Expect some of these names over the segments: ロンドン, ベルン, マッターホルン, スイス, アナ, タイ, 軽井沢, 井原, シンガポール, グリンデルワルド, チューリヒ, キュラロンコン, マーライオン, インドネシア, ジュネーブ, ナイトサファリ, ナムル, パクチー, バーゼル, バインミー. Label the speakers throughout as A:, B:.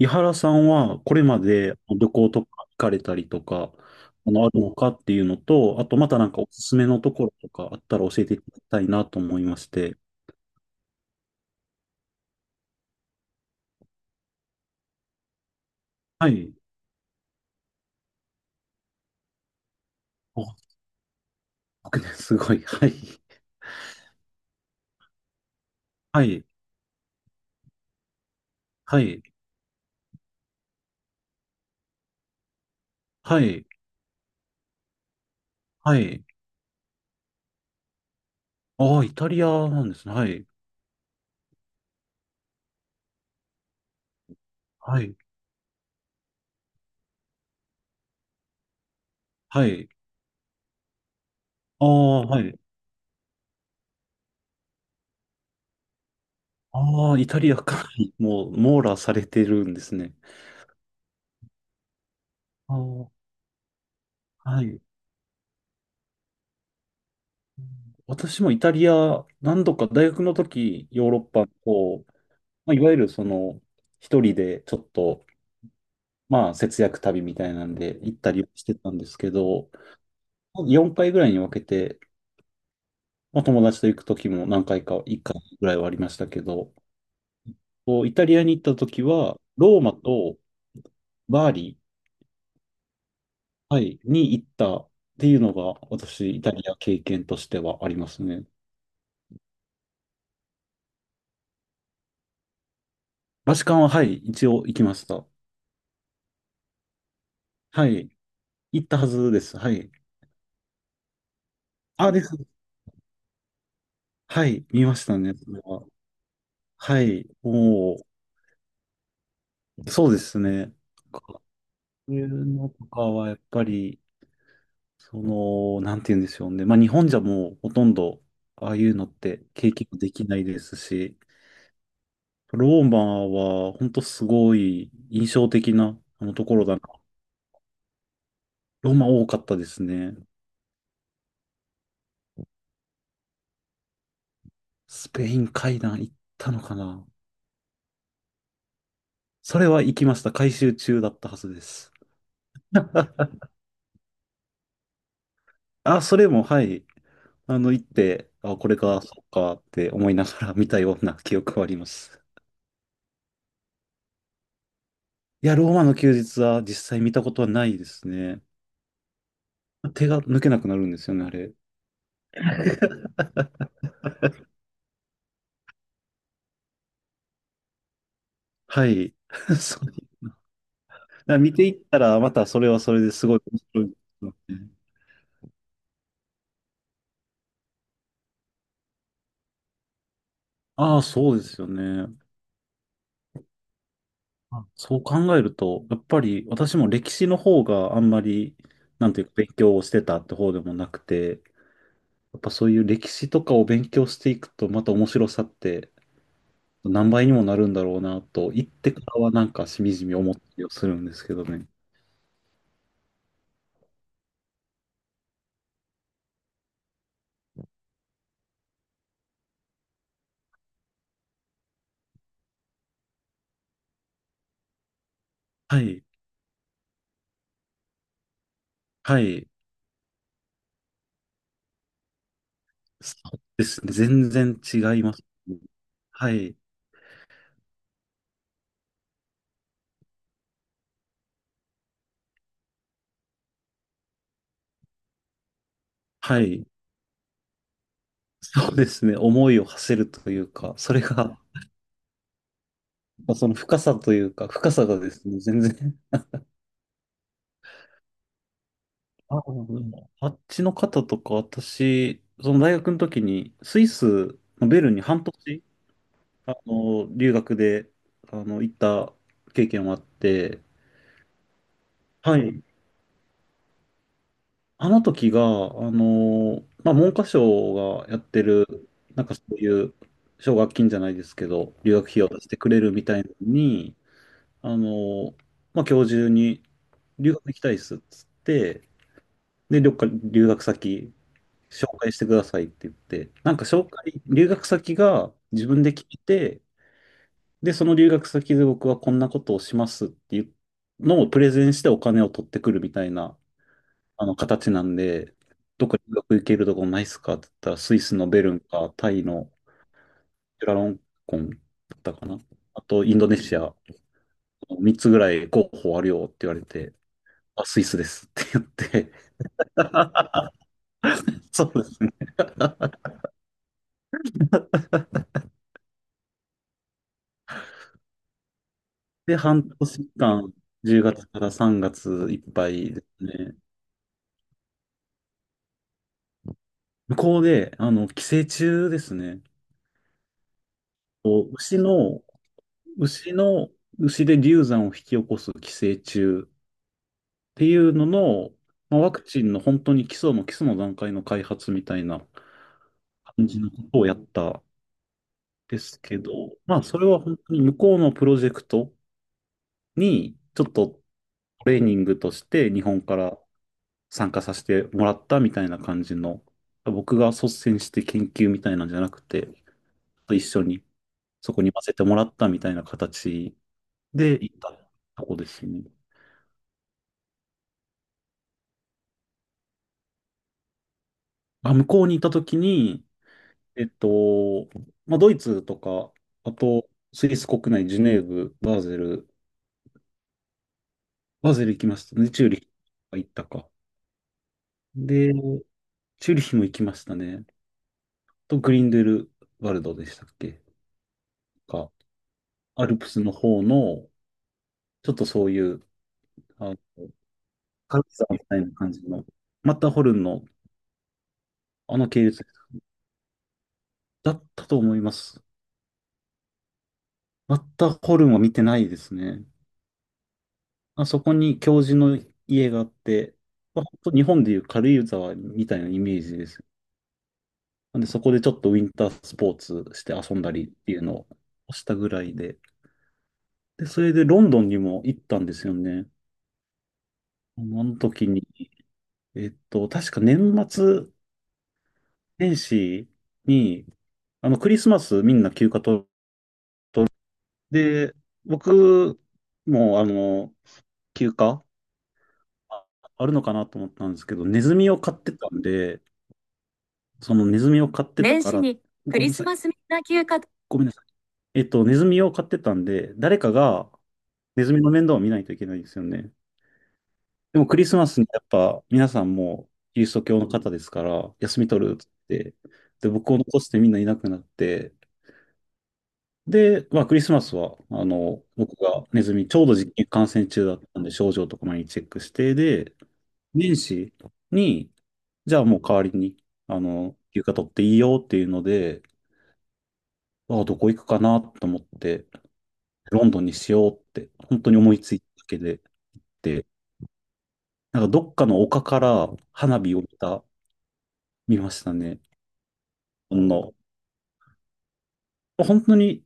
A: 井原さんはこれまで旅行とか行かれたりとか、あるのかっていうのと、あとまたなんかおすすめのところとかあったら教えていただきたいなと思いまして。はい。あ、僕ね、すごい。はい。はい。はい。はい。はい。ああ、イタリアなんですね。はい。はい。はい。ああ、はい。ああ、イタリアか。もう、網羅されてるんですね。ああ、はい。私もイタリア、何度か大学の時、ヨーロッパの方まあ、いわゆるその、一人でちょっと、まあ、節約旅みたいなんで行ったりしてたんですけど、4回ぐらいに分けて、まあ、友達と行く時も何回か、1回ぐらいはありましたけど、こうイタリアに行った時は、ローマとバーリー、はい、に行ったっていうのが、私、イタリア経験としてはありますね。バチカンは、はい、一応行きました。はい、行ったはずです。はい。あ、です。はい、見ましたね、それは。はい、もう、そうですね。そういうのとかはやっぱり、その、なんて言うんでしょうね。まあ日本じゃもうほとんど、ああいうのって経験できないですし、ローマは本当すごい印象的なあのところだな。ローマ多かったですね。スペイン階段行ったのかな。それは行きました。改修中だったはずです。あ、あ、それも、はい。行って、あ、これか、そっかって思いながら見たような記憶はあります。いや、ローマの休日は実際見たことはないですね。手が抜けなくなるんですよね、あれ。はい。そう。だから見ていったら、またそれはそれですごい面白いですよね。ああ、そうですよね。あそう考えると、やっぱり私も歴史の方があんまり、なんていうか勉強をしてたって方でもなくて、やっぱそういう歴史とかを勉強していくと、また面白さって何倍にもなるんだろうなと、行ってからはなんかしみじみ思ったりをするんですけどね。はい。はい。そうですね。全然違います。はい。はい。そうですね。思いを馳せるというか、それが、その深さというか、深さがですね、全然。あ、でもあっちの方とか、私、その大学の時に、スイスのベルンに半年、留学で、行った経験もあって、はい。あの時が、まあ、文科省がやってる、なんかそういう奨学金じゃないですけど、留学費用を出してくれるみたいなのに、あのーまあ、今日中に留学行きたいっすっつって、で、どっか留学先紹介してくださいって言って、なんか紹介、留学先が自分で聞いて、で、その留学先で僕はこんなことをしますっていうのをプレゼンしてお金を取ってくるみたいなあの形なんで、どっか留学行けるとこないっすかって言ったら、スイスのベルンか、タイのキュラロンコンだったかな。あと、インドネシア、3つぐらい候補あるよって言われて、あ、スイスですって言って、あ、そうですね。で、半年間、10月から3月いっぱいですね。向こうで、寄生虫ですね。こう牛の、牛で流産を引き起こす寄生虫っていうのの、まあ、ワクチンの本当に基礎も基礎の段階の開発みたいな感じのことをやったんですけど、まあそれは本当に向こうのプロジェクトにちょっとトレーニングとして日本から参加させてもらったみたいな感じの、僕が率先して研究みたいなんじゃなくて、一緒にそこに混ぜてもらったみたいな形で行ったとこですね。まあ、向こうにいた時に、えっと、まあ、ドイツとか、あと、スイス国内、ジュネーブ、バーゼル、バーゼル行きましたね。チューリヒ行ったか。で、チューリヒも行きましたね。と、グリンデルワルドでしたっけか、アルプスの方の、ちょっとそういう、あの、軽井沢みたいな感じの、マッターホルンの、あの系列だったと思います。マッターホルンは見てないですね。あそこに教授の家があって、まあ、本当日本でいう軽井沢みたいなイメージです。なんで、そこでちょっとウィンタースポーツして遊んだりっていうのをしたぐらいで。で、それでロンドンにも行ったんですよね。あの時に、確か年末年始に、クリスマスみんな休暇と、で、僕も、休暇ああるのかなと思ったんですけど、ネズミを飼ってたんで、そのネズミを飼ってた年か始ら、にクごめんリなスさい。マスみんな休暇と、ごめんなさい。ネズミを飼ってたんで、誰かがネズミの面倒を見ないといけないんですよね。でもクリスマスにやっぱ皆さんもキリスト教の方ですから、休み取るって言って、で、僕を残してみんないなくなって、で、まあクリスマスは、僕がネズミ、ちょうど実験感染中だったんで、症状とか毎日チェックして、で、年始に、じゃあもう代わりに、休暇取っていいよっていうので、ああ、どこ行くかなと思って、ロンドンにしようって、本当に思いついただけで、で、なんかどっかの丘から花火を見ましたね。ほんの、本当に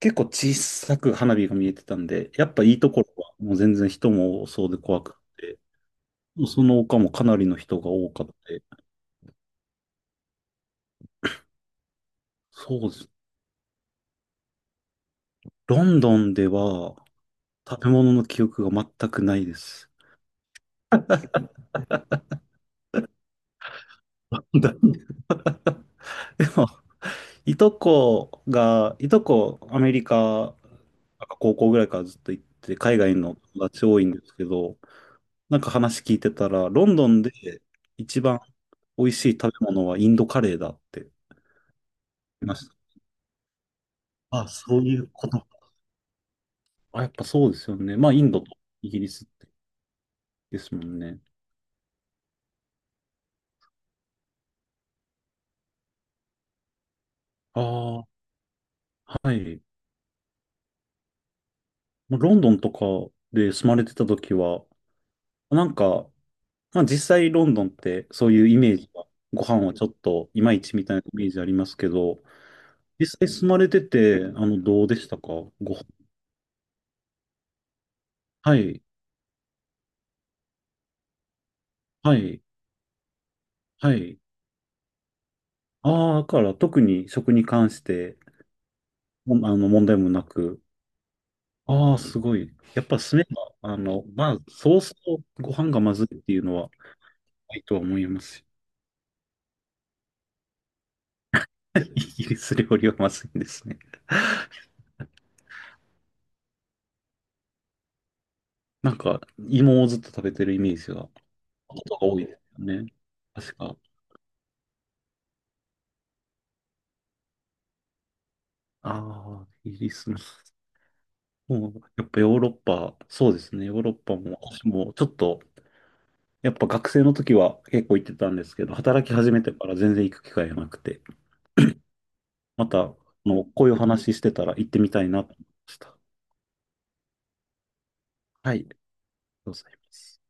A: 結構小さく花火が見えてたんで、やっぱいいところはもう全然人も多そうで怖くて、その丘もかなりの人が多かった。そうです。ロンドンでは食べ物の記憶が全くないです。でも、いとこ、アメリカ、なんか高校ぐらいからずっと行って、海外の友達多いんですけど、なんか話聞いてたら、ロンドンで一番美味しい食べ物はインドカレーだって言いました。あ、そういうこと。あ、やっぱそうですよね。まあ、インドとイギリスですもんね。ああ、はい。もうロンドンとかで住まれてた時は、なんか、まあ実際ロンドンってそういうイメージは、ご飯はちょっといまいちみたいなイメージありますけど、実際住まれてて、どうでしたかご飯。はい、はい、はい。ああ、だから特に食に関して、も問題もなく。ああ、すごい。やっぱ住めば、まあ、そうそうご飯がまずいっていうのはないとは思いますし。イギリス料理はまずいんですね。なんか、芋をずっと食べてるイメージが。ことが多いですよね。確か。ああ、イギリスの。もう、やっぱヨーロッパ、そうですね。ヨーロッパも、私もちょっと、やっぱ学生の時は結構行ってたんですけど、働き始めてから全然行く機会がなくて、また、こういう話してたら行ってみたいなと思いました。はい、ありがとうございます。